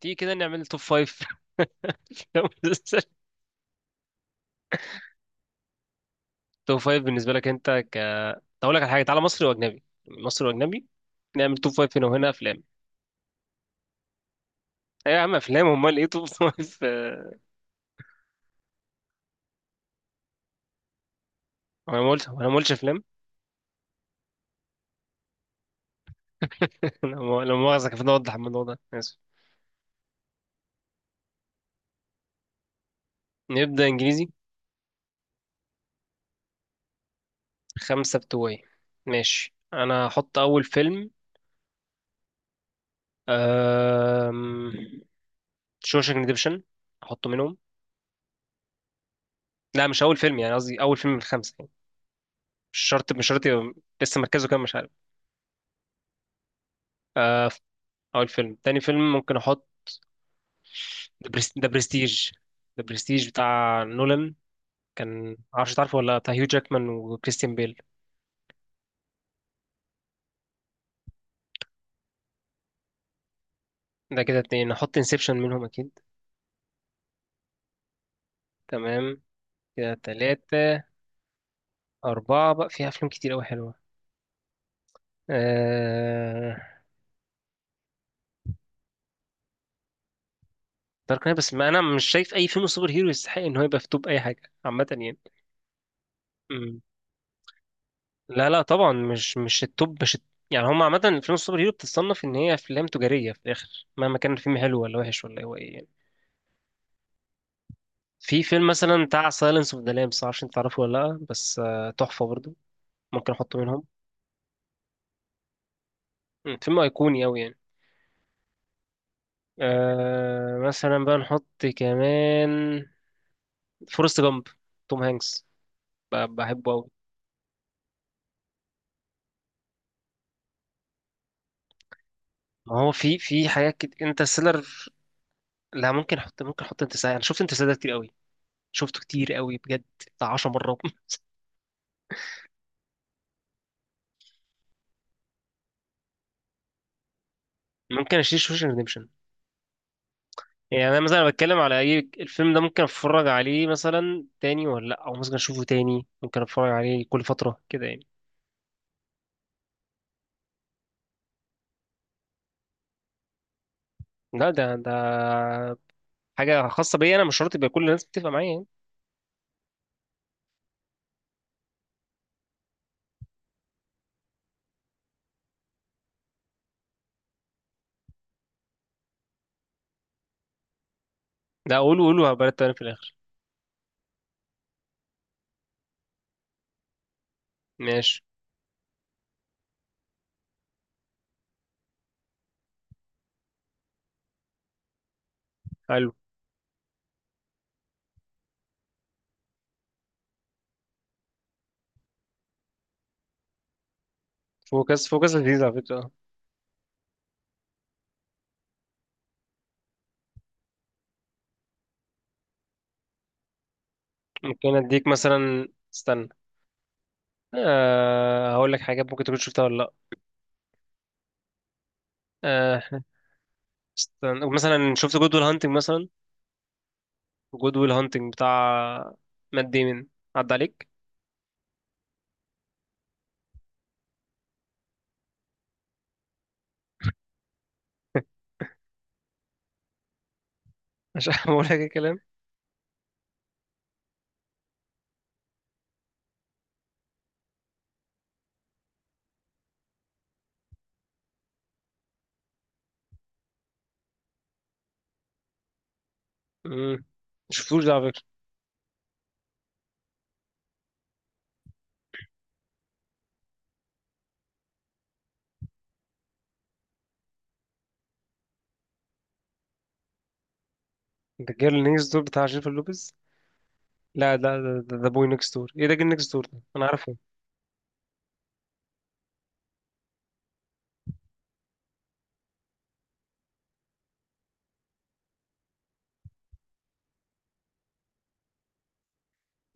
تيجي كده نعمل توب فايف. توب فايف بالنسبة لك أنت، أقول لك على حاجة. تعالى، مصري وأجنبي، مصري وأجنبي. نعمل توب فايف هنا وهنا أفلام. أيوة يا عم، أفلام، أمال إيه توب فايف؟ أنا ما قلتش أفلام. لما مؤاخذة، كان المفروض أوضح الموضوع ده. آسف. نبدأ إنجليزي. خمسة بتوعي. ماشي، أنا هحط أول فيلم. أم... شوشنج ريديمشن. أحطه منهم. لا، مش أول فيلم، يعني قصدي أول فيلم من الخمسة يعني. مش شرط، مش شرط لسه مركزه كام، مش عارف. آه. اول فيلم، تاني فيلم ممكن احط ذا برستيج. ذا برستيج بتاع نولان. كان معرفش تعرفه ولا لأ، بتاع هيو جاكمان وكريستيان بيل. ده كده اتنين، نحط انسبشن منهم اكيد. تمام، كده تلاتة. أربعة بقى فيها أفلام كتير أوي حلوة. آه... دارك نايت، بس ما أنا مش شايف أي فيلم سوبر هيرو يستحق إن هو يبقى في توب أي حاجة عامة يعني. مم. لا، لا، طبعا، مش التوب، مش الت... يعني هم عامة. فيلم السوبر هيرو بتتصنف إن هي أفلام تجارية في الآخر مهما كان الفيلم حلو ولا وحش ولا هو إيه يعني. في فيلم مثلا بتاع سايلنس اوف ذا لامبس، معرفش انت تعرفه ولا لا، بس تحفة برضو. ممكن احطه منهم. فيلم ايقوني اوي يعني. مثلا بقى نحط كمان فورست جامب، توم هانكس. بحبه اوي. ما هو في حاجات كده، انترستيلر. لا، ممكن احط انترستيلر، انا شفت انترستيلر كتير قوي. شفته كتير قوي بجد. بتاع 10 مرات. ممكن اشيل شوشن ريديمشن. يعني انا مثلا بتكلم على اي الفيلم ده ممكن اتفرج عليه مثلا تاني ولا لا، او ممكن اشوفه تاني، ممكن اتفرج عليه كل فتره كده يعني. لا، ده حاجة خاصة بيا، أنا مش شرط يبقى كل الناس بتتفق معايا يعني. لا، قولوا قولوا، هبقى أنا في الآخر. ماشي. حلو. فوكس، فوكس لذيذ على فكرة. ممكن أديك مثلا، استنى. هقول لك حاجات ممكن تكون شفتها ولا لأ. أه استنى، مثلا شفت جود ويل هانتنج مثلا؟ جود ويل هانتنج بتاع مات ديمن، عدى عليك؟ مش هقول لك الكلام. مم. شفتوش ده على فكرة. ده جيرل نيكست دور بتاع جينيفر لوبيز. لا، لا، ده ذا بوي نيكست دور، ايه ده، جيرل نيكست دور ده انا عارفه.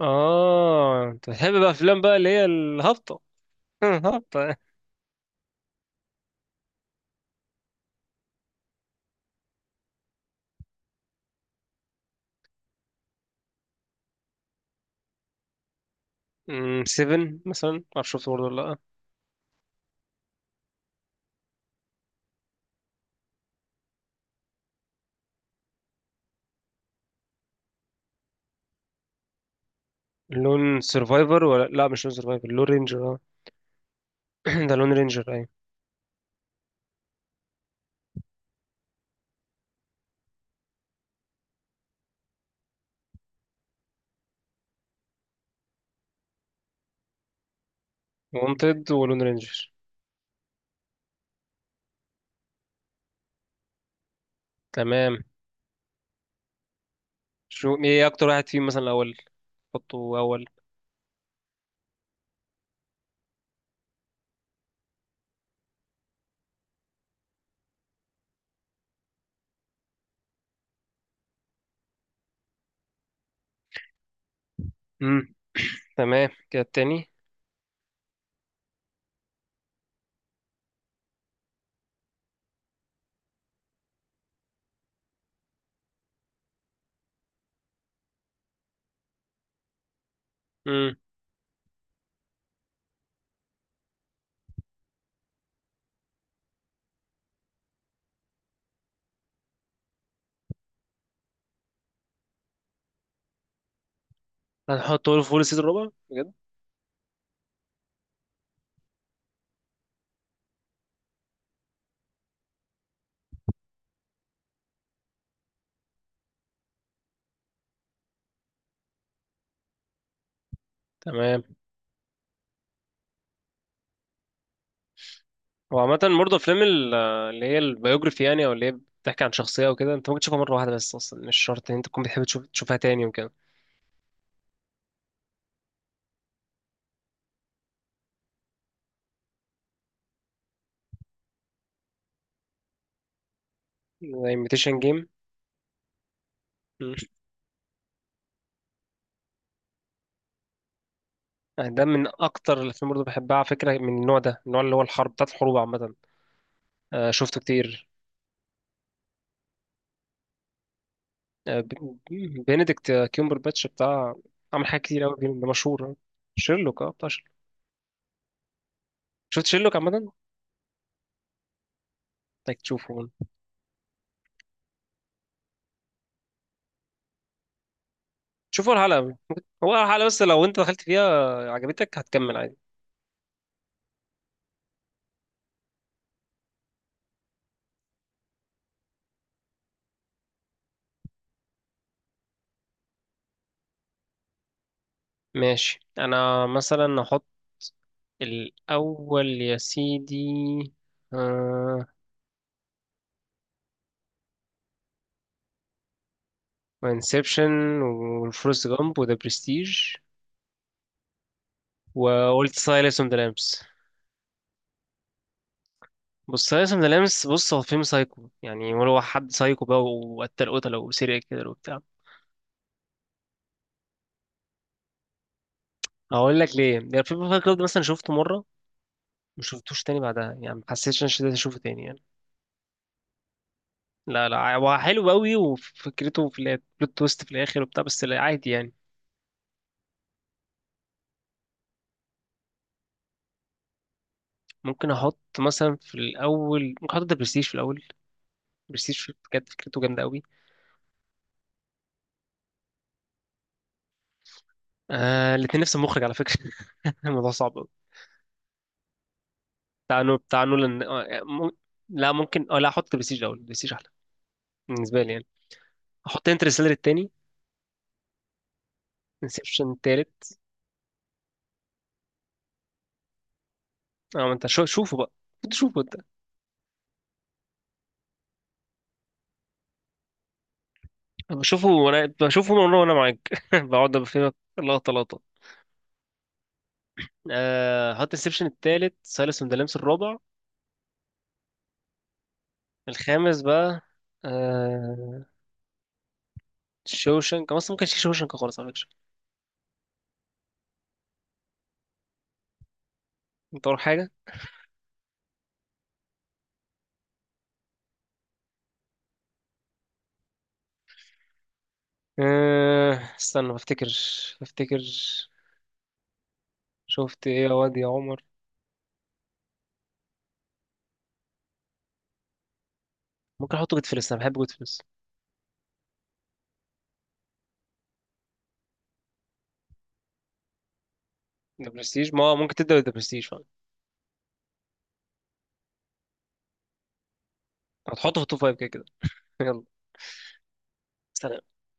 اه، انت بتحب بقى افلام بقى اللي هي الهابطه. هابطه. 7 مثلا، ما اعرفش شفته برضه ولا لا. لون سيرفايفر ولا لا، مش لون سيرفايفر، لون رينجر، اه. ده لون رينجر ايوه. وونتد ولون رينجر. تمام. ايه اكتر واحد فيهم مثلا الاول، حطه اول. امم. تمام، كده التاني. امم. هنحطه له فول السيزون الرابع بجد. تمام. هو عامة برضه أفلام اللي هي البيوجرافي، يعني أو اللي هي بتحكي عن شخصية وكده، أنت ممكن تشوفها مرة واحدة بس، أصلا مش شرط إن أنت تكون بتحب تشوفها تاني وكده. زي imitation game. مم. ده من اكتر الافلام برضه بحبها على فكره، من النوع ده، النوع اللي هو الحرب بتاعت الحروب عامه. آه، شفته كتير. آه، بنديكت كيمبر باتش بتاع، عمل حاجات كتير قوي، ده مشهور. شيرلوك، اه، بتاع شيرلوك. شفت شيرلوك عامه؟ انك تشوفه. شوفوا الحلقه، هو الحلقه بس لو انت دخلت فيها عجبتك هتكمل عادي. ماشي، انا مثلا احط الاول يا سيدي، آه... انسبشن، وفورست جامب، وذا برستيج، وقلت سايلنس اوف ذا لامبس. بص سايلنس اوف ذا لامبس، بص، هو فيلم سايكو يعني، هو حد سايكو بقى، وقتل قتلة وسيريال كده وبتاع. هقول لك ليه، يعني الفيلم فايت كلاب ده مثلا شفته مرة، ما شفتوش تاني بعدها يعني، ما حسيتش ان انا اشوفه تاني يعني. لا، لا، هو حلو قوي وفكرته في البلوت تويست في الاخر وبتاع، بس لا عادي يعني. ممكن احط مثلا في الاول، ممكن احط ده برستيج في الاول. برستيج، بجد فكرته جامده قوي. آه، الاثنين نفس المخرج على فكره. الموضوع صعب. بتاع نولان، يعني لا ممكن، لا، احط برستيج الاول، برستيج احلى بالنسبه لي يعني. احط انترستيلر التاني. انسبشن التالت. اه، ما انت شوفوا بقى، انت شوفوا انت. بشوفه وانا بشوفه من ورا وانا معاك. بقعد بفهمك لقطه لقطه. احط انسبشن التالت، سايلنس اوف ذا لامس الرابع. الخامس بقى، آه... شوشنك اصلا، ممكن شوشنك خالص على فكره. انت وراك حاجه؟ آه... استنى، بفتكر. بفتكر. شفت ايه يا واد يا عمر؟ ممكن احطه، جود فلس، انا بحب جود. ذا برستيج، ما ممكن تبدأ بذا برستيج فعلا. هتحطه في التوب فايف كده كده. يلا. سلام.